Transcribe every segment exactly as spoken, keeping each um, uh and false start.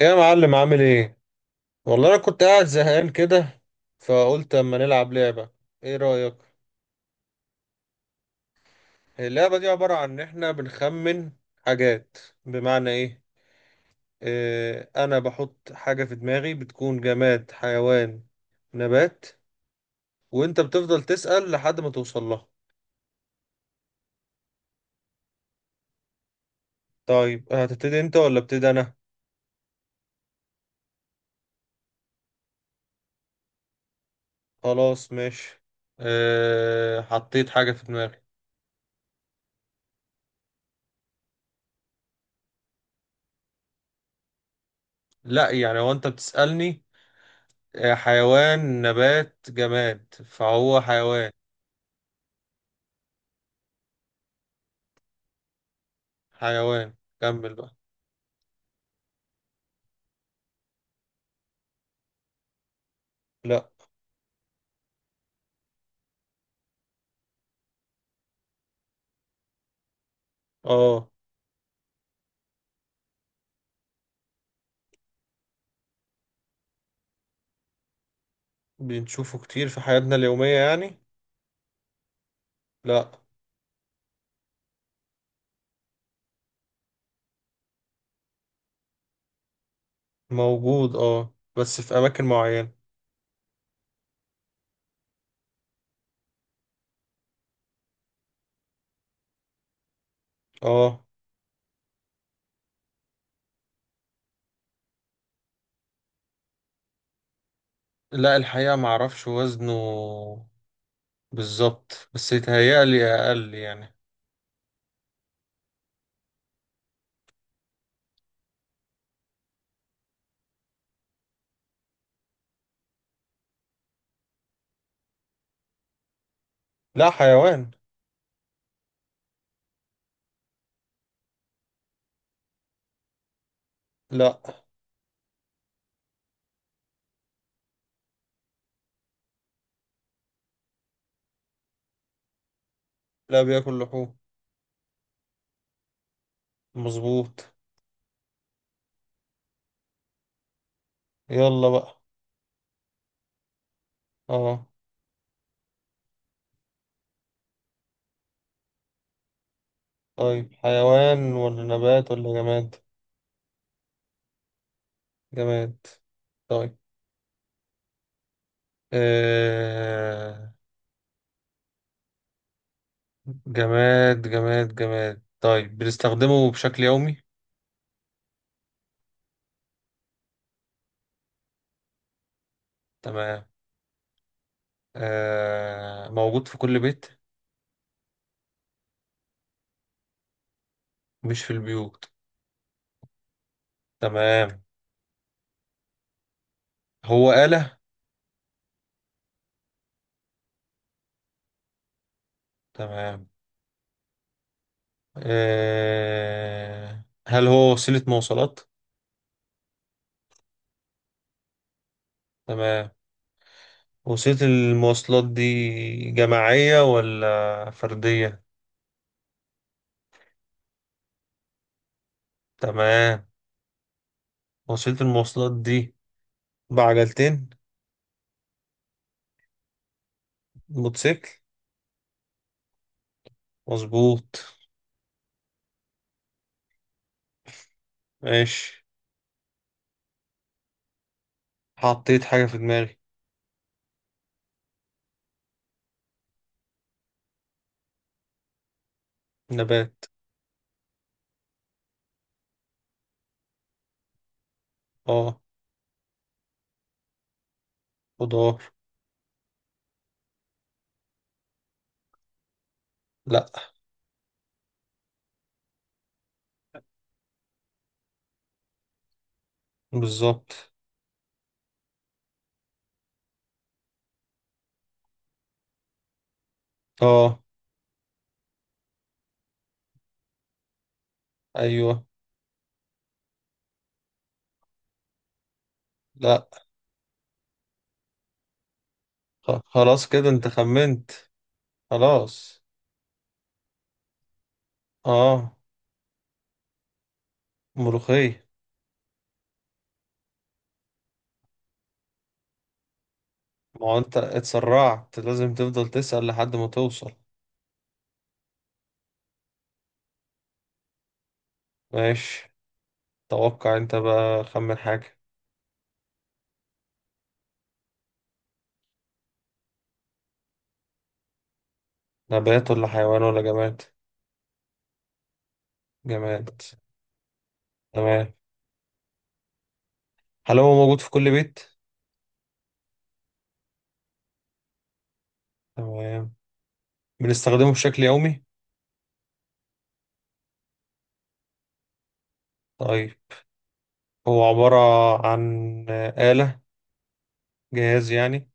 ايه يا معلم عامل ايه؟ والله انا كنت قاعد زهقان كده، فقلت اما نلعب لعبة. ايه رأيك؟ اللعبة دي عبارة عن ان احنا بنخمن حاجات. بمعنى ايه؟ إيه، انا بحط حاجة في دماغي بتكون جماد، حيوان، نبات، وانت بتفضل تسأل لحد ما توصل لها. طيب هتبتدي انت ولا ابتدي انا؟ خلاص ماشي. إيه، حطيت حاجة في دماغي. لا، يعني هو انت بتسألني. آه، حيوان نبات جماد، فهو حيوان. حيوان. كمل بقى. لا. اه. بنشوفه كتير في حياتنا اليومية يعني. لا. موجود اه، بس في أماكن معينة. اه. لا الحقيقة معرفش وزنه بالظبط، بس يتهيألي أقل يعني. لا حيوان. لا لا، بياكل لحوم. مظبوط. يلا بقى. اه. طيب حيوان ولا نبات ولا جماد؟ جماد. طيب. آه... جماد جماد جماد. طيب، بنستخدمه بشكل يومي. تمام. آه، موجود في كل بيت. مش في البيوت. تمام. هو آلة. تمام. آه، هل هو وسيلة مواصلات؟ تمام. وسيلة المواصلات دي جماعية ولا فردية؟ تمام. وسيلة المواصلات دي بعجلتين. موتوسيكل. مظبوط. ماشي، حطيت حاجة في دماغي. نبات. اه. خضار. لا. بالظبط. اه. ايوه. لا. خ- خلاص كده انت خمنت. خلاص. اه. ملوخية. ما هو انت اتسرعت، لازم تفضل تسأل لحد ما توصل. ماشي، توقع انت بقى، خمن حاجة. نبات ولا حيوان ولا جماد؟ جماد. تمام. هل هو موجود في كل بيت؟ تمام. بنستخدمه بشكل يومي. طيب، هو عبارة عن آلة، جهاز يعني.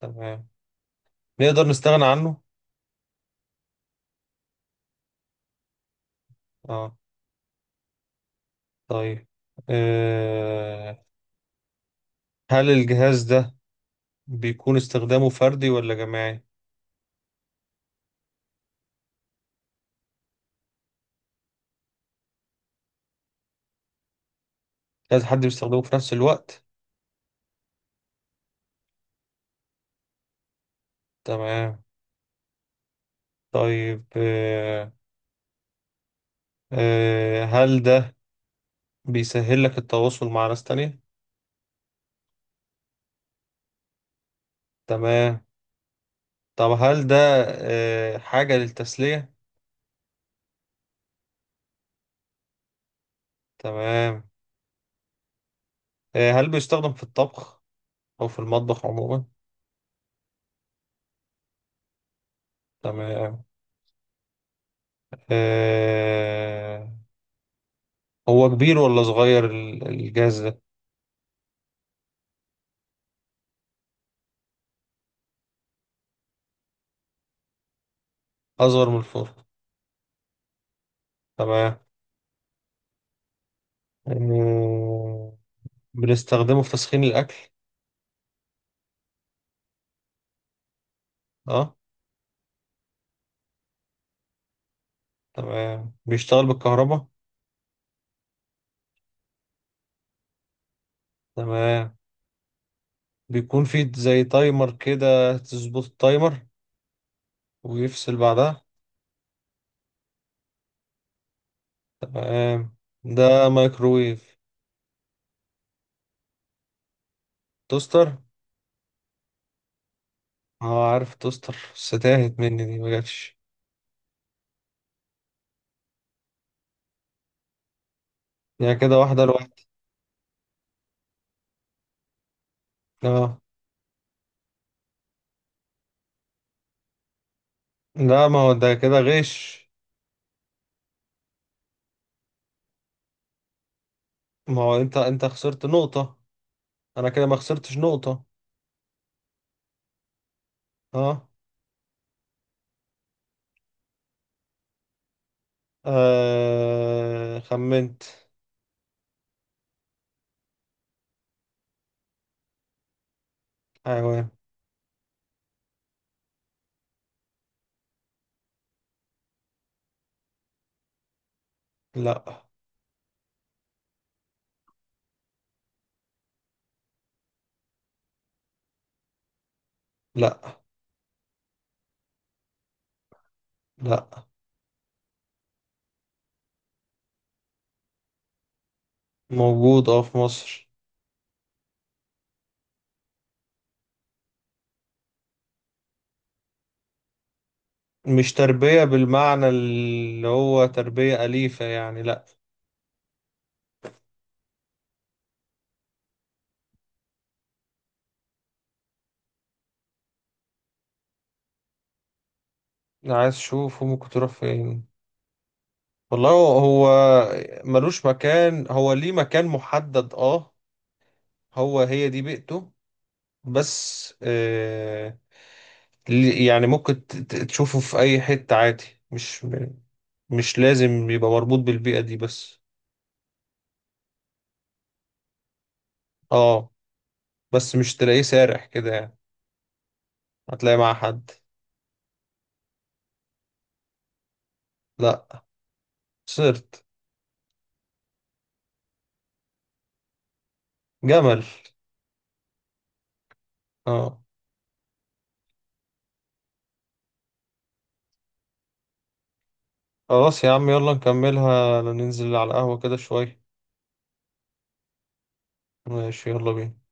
تمام. نقدر نستغنى عنه. اه. طيب، أه، هل الجهاز ده بيكون استخدامه فردي ولا جماعي؟ لازم حد بيستخدمه في نفس الوقت؟ تمام. طيب أه، أه هل ده بيسهل لك التواصل مع ناس تانية؟ تمام. طب هل ده أه حاجة للتسلية؟ تمام. أه هل بيستخدم في الطبخ أو في المطبخ عموما؟ تمام. أه، هو كبير ولا صغير ال- الجهاز ده؟ أصغر من الفرن. تمام. آه، بنستخدمه في تسخين الأكل. اه. تمام، بيشتغل بالكهرباء. تمام. بيكون فيه زي تايمر كده، تظبط التايمر ويفصل بعدها. تمام. ده مايكرويف؟ توستر. اه عارف توستر، بس تاهت مني دي، ما جاتش. يعني كده واحدة لواحدة. اه. لا ما هو ده كده غش. ما هو انت انت خسرت نقطة، انا كده ما خسرتش نقطة. اه. آه خمنت حيوان. لا. لا. لا. موجود اه في مصر. مش تربية بالمعنى اللي هو تربية أليفة يعني، لأ. عايز أشوف ممكن تروح فين؟ والله، هو هو ملوش مكان، هو ليه مكان محدد، اه. هو هي دي بيئته. بس آه، ليه- يعني ممكن ت- ت- تشوفه في أي حتة عادي. مش مش لازم يبقى مربوط بالبيئة دي بس. اه، بس مش تلاقيه سارح كده يعني، هتلاقيه مع حد. لأ. صرت. جمل. اه. خلاص يا عم، يلا نكملها ننزل على القهوة كده شوية. ماشي، يلا بينا.